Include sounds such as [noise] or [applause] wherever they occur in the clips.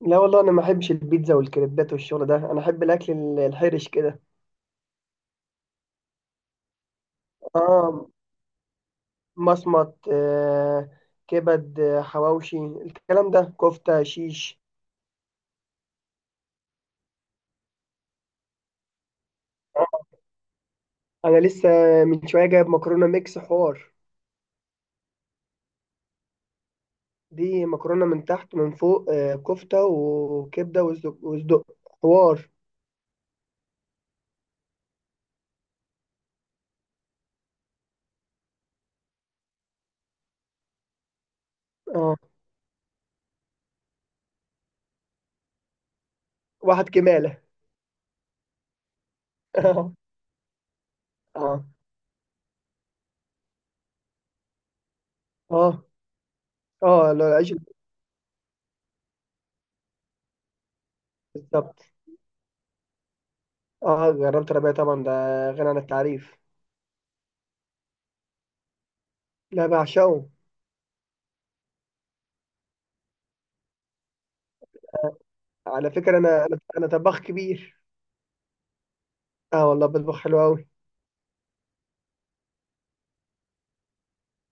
لا والله، انا ما احبش البيتزا والكريبات والشغل ده. انا احب الاكل الحرش كده. اه، مصمت، آه، كبد، آه، حواوشي، الكلام ده كفته شيش. انا لسه من شويه جايب مكرونه ميكس حوار. دي مكرونه من تحت من فوق، آه، كفته وكبده وصدق وصدق، حوار. اه، واحد كماله. [laughs] اه، اه. اه، اه، لو العيش بالظبط. اه، جربت ربيع طبعا، ده غني عن التعريف. لا، بعشقه. على فكرة، أنا طباخ كبير. أه والله، بطبخ حلو أوي.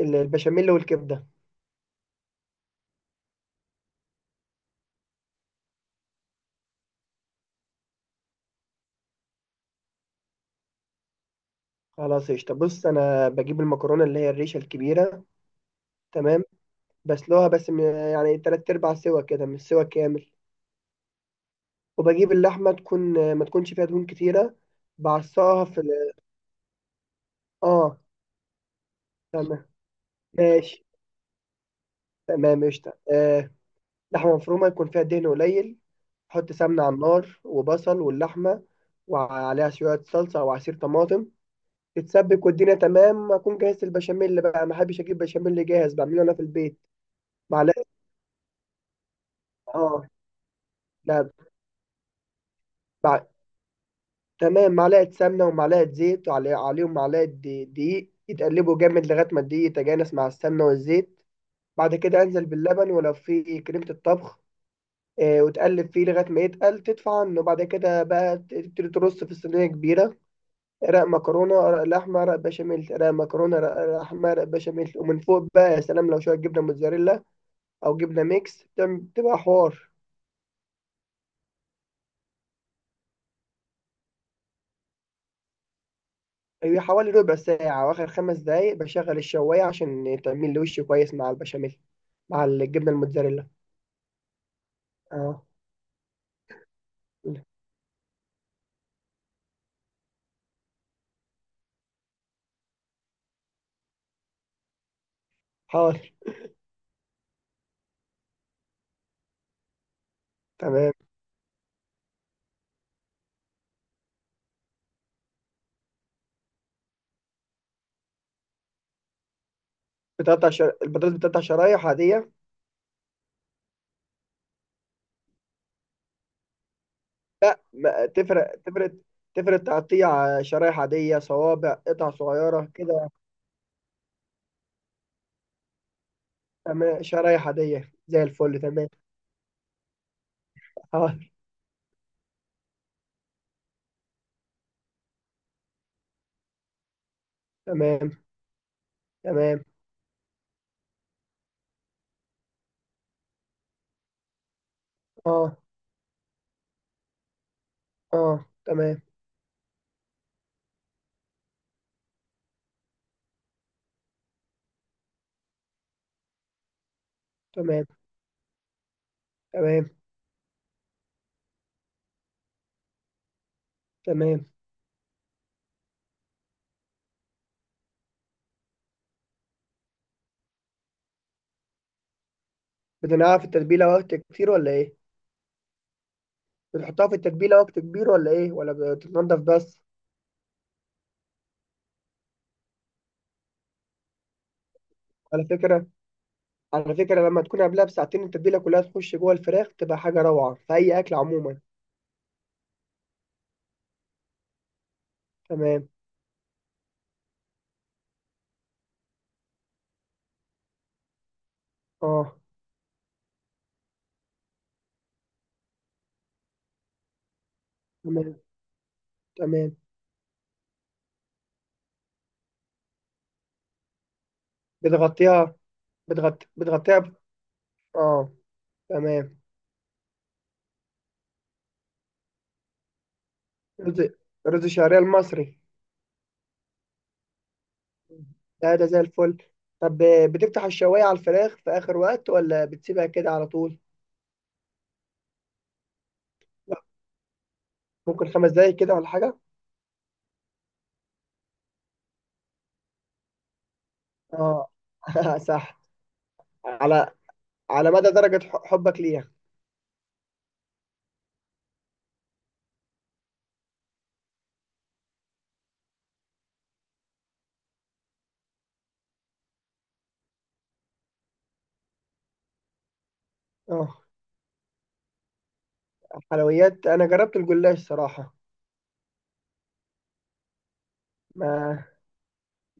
البشاميل والكبدة. خلاص، قشطة. بص، أنا بجيب المكرونة اللي هي الريشة الكبيرة. تمام. بسلقها بس من، يعني تلات أرباع سوا كده مش سوا كامل. وبجيب اللحمة تكون ما تكونش فيها دهون كتيرة. بعصاها في ال. أه. تمام. ماشي. تمام، قشطة، آه. لحمة مفرومة يكون فيها دهن قليل. أحط سمنة على النار، وبصل، واللحمة. وعليها شوية صلصة أو عصير طماطم. تتسبك والدنيا تمام، اكون جاهز. البشاميل بقى ما احبش اجيب بشاميل جاهز، بعمله انا في البيت. معلقه. اه. لا. بع... تمام، معلقه سمنه ومعلقه زيت، عليهم معلقه دقيق، يتقلبوا جامد لغايه ما الدقيق يتجانس مع السمنه والزيت. بعد كده انزل باللبن ولو في كريمه الطبخ. آه، وتقلب فيه لغايه ما يتقل تدفع عنه. بعد كده بقى تبتدي ترص في صينيه كبيره. رق مكرونه، رق لحمه، رق بشاميل، رق مكرونه، رق لحمه، رق بشاميل. ومن فوق بقى، يا سلام، لو شويه جبنه موتزاريلا او جبنه ميكس، بتبقى حوار. هي حوالي ربع ساعه، واخر خمس دقايق بشغل الشوايه عشان تعمل لي وش كويس مع البشاميل مع الجبنه الموتزاريلا. اه، حاضر. تمام. بتقطع البطاطس، بتقطع شرايح عاديه. لا، ما... تفرق، تفرق، تفرق، تقطيع شرايح عاديه، صوابع، قطع صغيره كده. تمام، شرايح عاديه زي الفل. تمام. حاضر. تمام. تمام. اه، اه. تمام. تمام. تمام. تمام. بتنقع في التتبيله وقت كتير ولا ايه؟ بتحطها في التتبيله وقت كبير ولا ايه، ولا بتتنضف بس؟ على فكره على فكره، لما تكون قبلها بساعتين، التتبيله كلها تخش جوه الفراخ، بتبقى حاجه روعه في اي اكل عموما. تمام. اه. تمام. تمام. بتغطيها. بتغطيها. اه. تمام. رز رز الشعريه المصري. ده زي الفل. طب، بتفتح الشوايه على الفراخ في اخر وقت ولا بتسيبها كده على طول؟ لا، ممكن خمس دقايق كده ولا حاجه. اه. [laughs] صح. على على مدى درجه حبك ليها. اه، حلويات انا جربت الجلاش صراحه. ما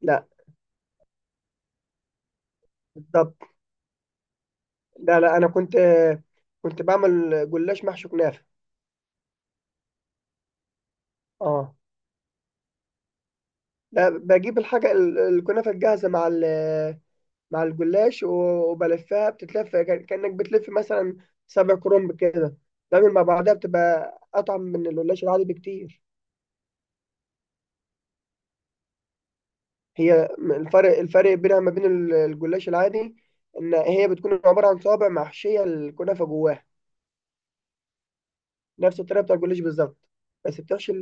لا. بالضبط. لا، لا، انا كنت بعمل جلاش محشي كنافه. اه، لا، بجيب الحاجه الكنافه الجاهزه مع مع الجلاش وبلفها. بتتلف كانك بتلف مثلا سبع كرنب كده. بعمل مع بعضها بتبقى اطعم من الجلاش العادي بكتير. هي الفرق بينها ما بين الجلاش العادي، ان هي بتكون عباره عن صوابع محشيه الكنافه جواها. نفس الطريقه بتاع الجلاش بالظبط. بس بتحشي.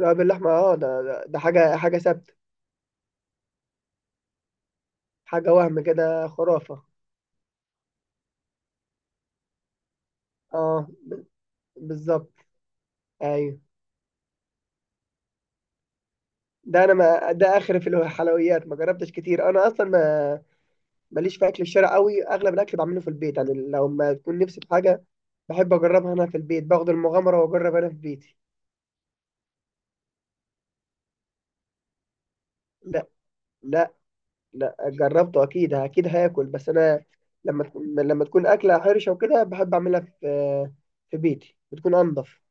لا، باللحمة. اه. ده حاجة ثابتة. حاجة وهم كده، خرافة. اه، بالظبط. ايوه. ده انا، ما ده اخر في الحلويات ما جربتش كتير. انا اصلا ما، ماليش في اكل الشارع قوي. اغلب الاكل بعمله في البيت، يعني لو ما تكون نفسي في حاجة بحب اجربها انا في البيت، باخد المغامرة واجرب انا في بيتي. لا. لا. لا، جربته اكيد، اكيد هاكل، بس انا لما تكون اكلة حرشة وكده، بحب اعملها في بيتي، بتكون انضف.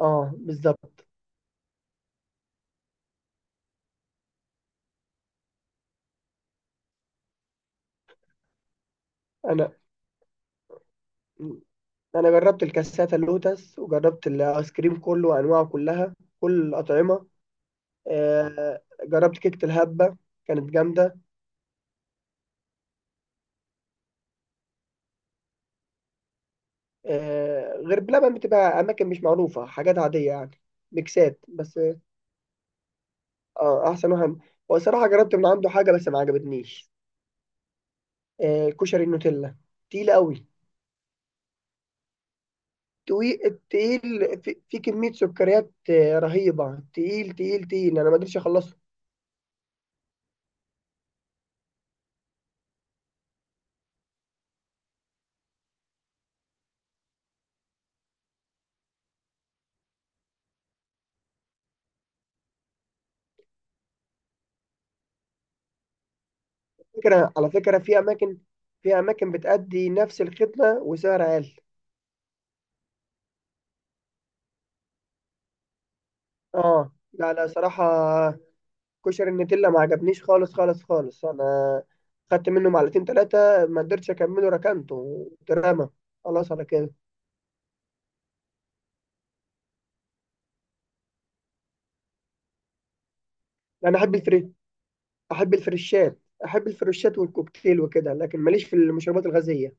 اه، بالظبط. انا انا جربت الكاساتا اللوتس، وجربت الايس كريم كله وانواعه كلها، كل الاطعمه. جربت كيكه الهبه، كانت جامده. غير بلبن بتبقى اماكن مش معروفه، حاجات عاديه يعني، ميكسات بس. اه، احسن واحد. هو الصراحه جربت من عنده حاجه بس ما عجبتنيش. كشري النوتيلا. تقيل قوي. تقيل، تقيل، في كميه سكريات، رهيبه. تقيل، تقيل، تقيل، انا ما قدرتش اخلصه. على فكرة، في أماكن بتأدي نفس الخدمة وسعر أقل. اه، لا، لا، صراحة كشري النتيلا ما عجبنيش خالص، خالص، خالص. أنا خدت منه معلقتين تلاتة ما قدرتش أكمله، ركنته دراما. خلاص، على كده. أنا أحب الفريشات. أحب الفريشات والكوكتيل وكده، لكن ماليش في المشروبات الغازية.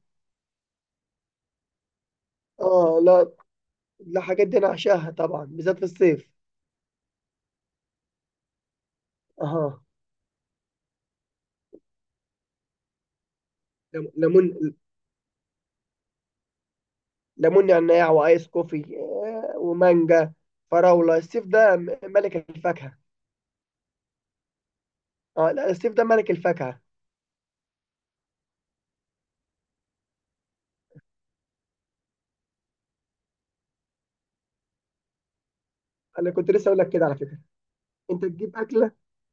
اه، لا، لا، حاجات دي أنا أعشاها طبعا، بالذات في الصيف. اه، ليمون ليمون نعناع وايس كوفي، ومانجا، فراوله. السيف ده ملك الفاكهه. اه، لا، السيف ده ملك الفاكهه. انا كنت لسه اقول لك كده على فكره، انت تجيب اكله.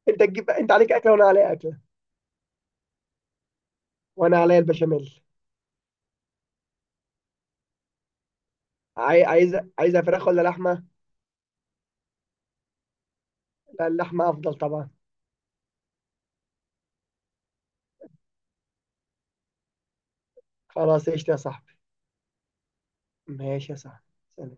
انت عليك اكله وانا عليا اكله. وانا عليا البشاميل. عايزه فراخ ولا لحمه؟ لا، اللحمه افضل طبعا. خلاص، قشطه يا صاحبي. ماشي يا صاحبي. سلام.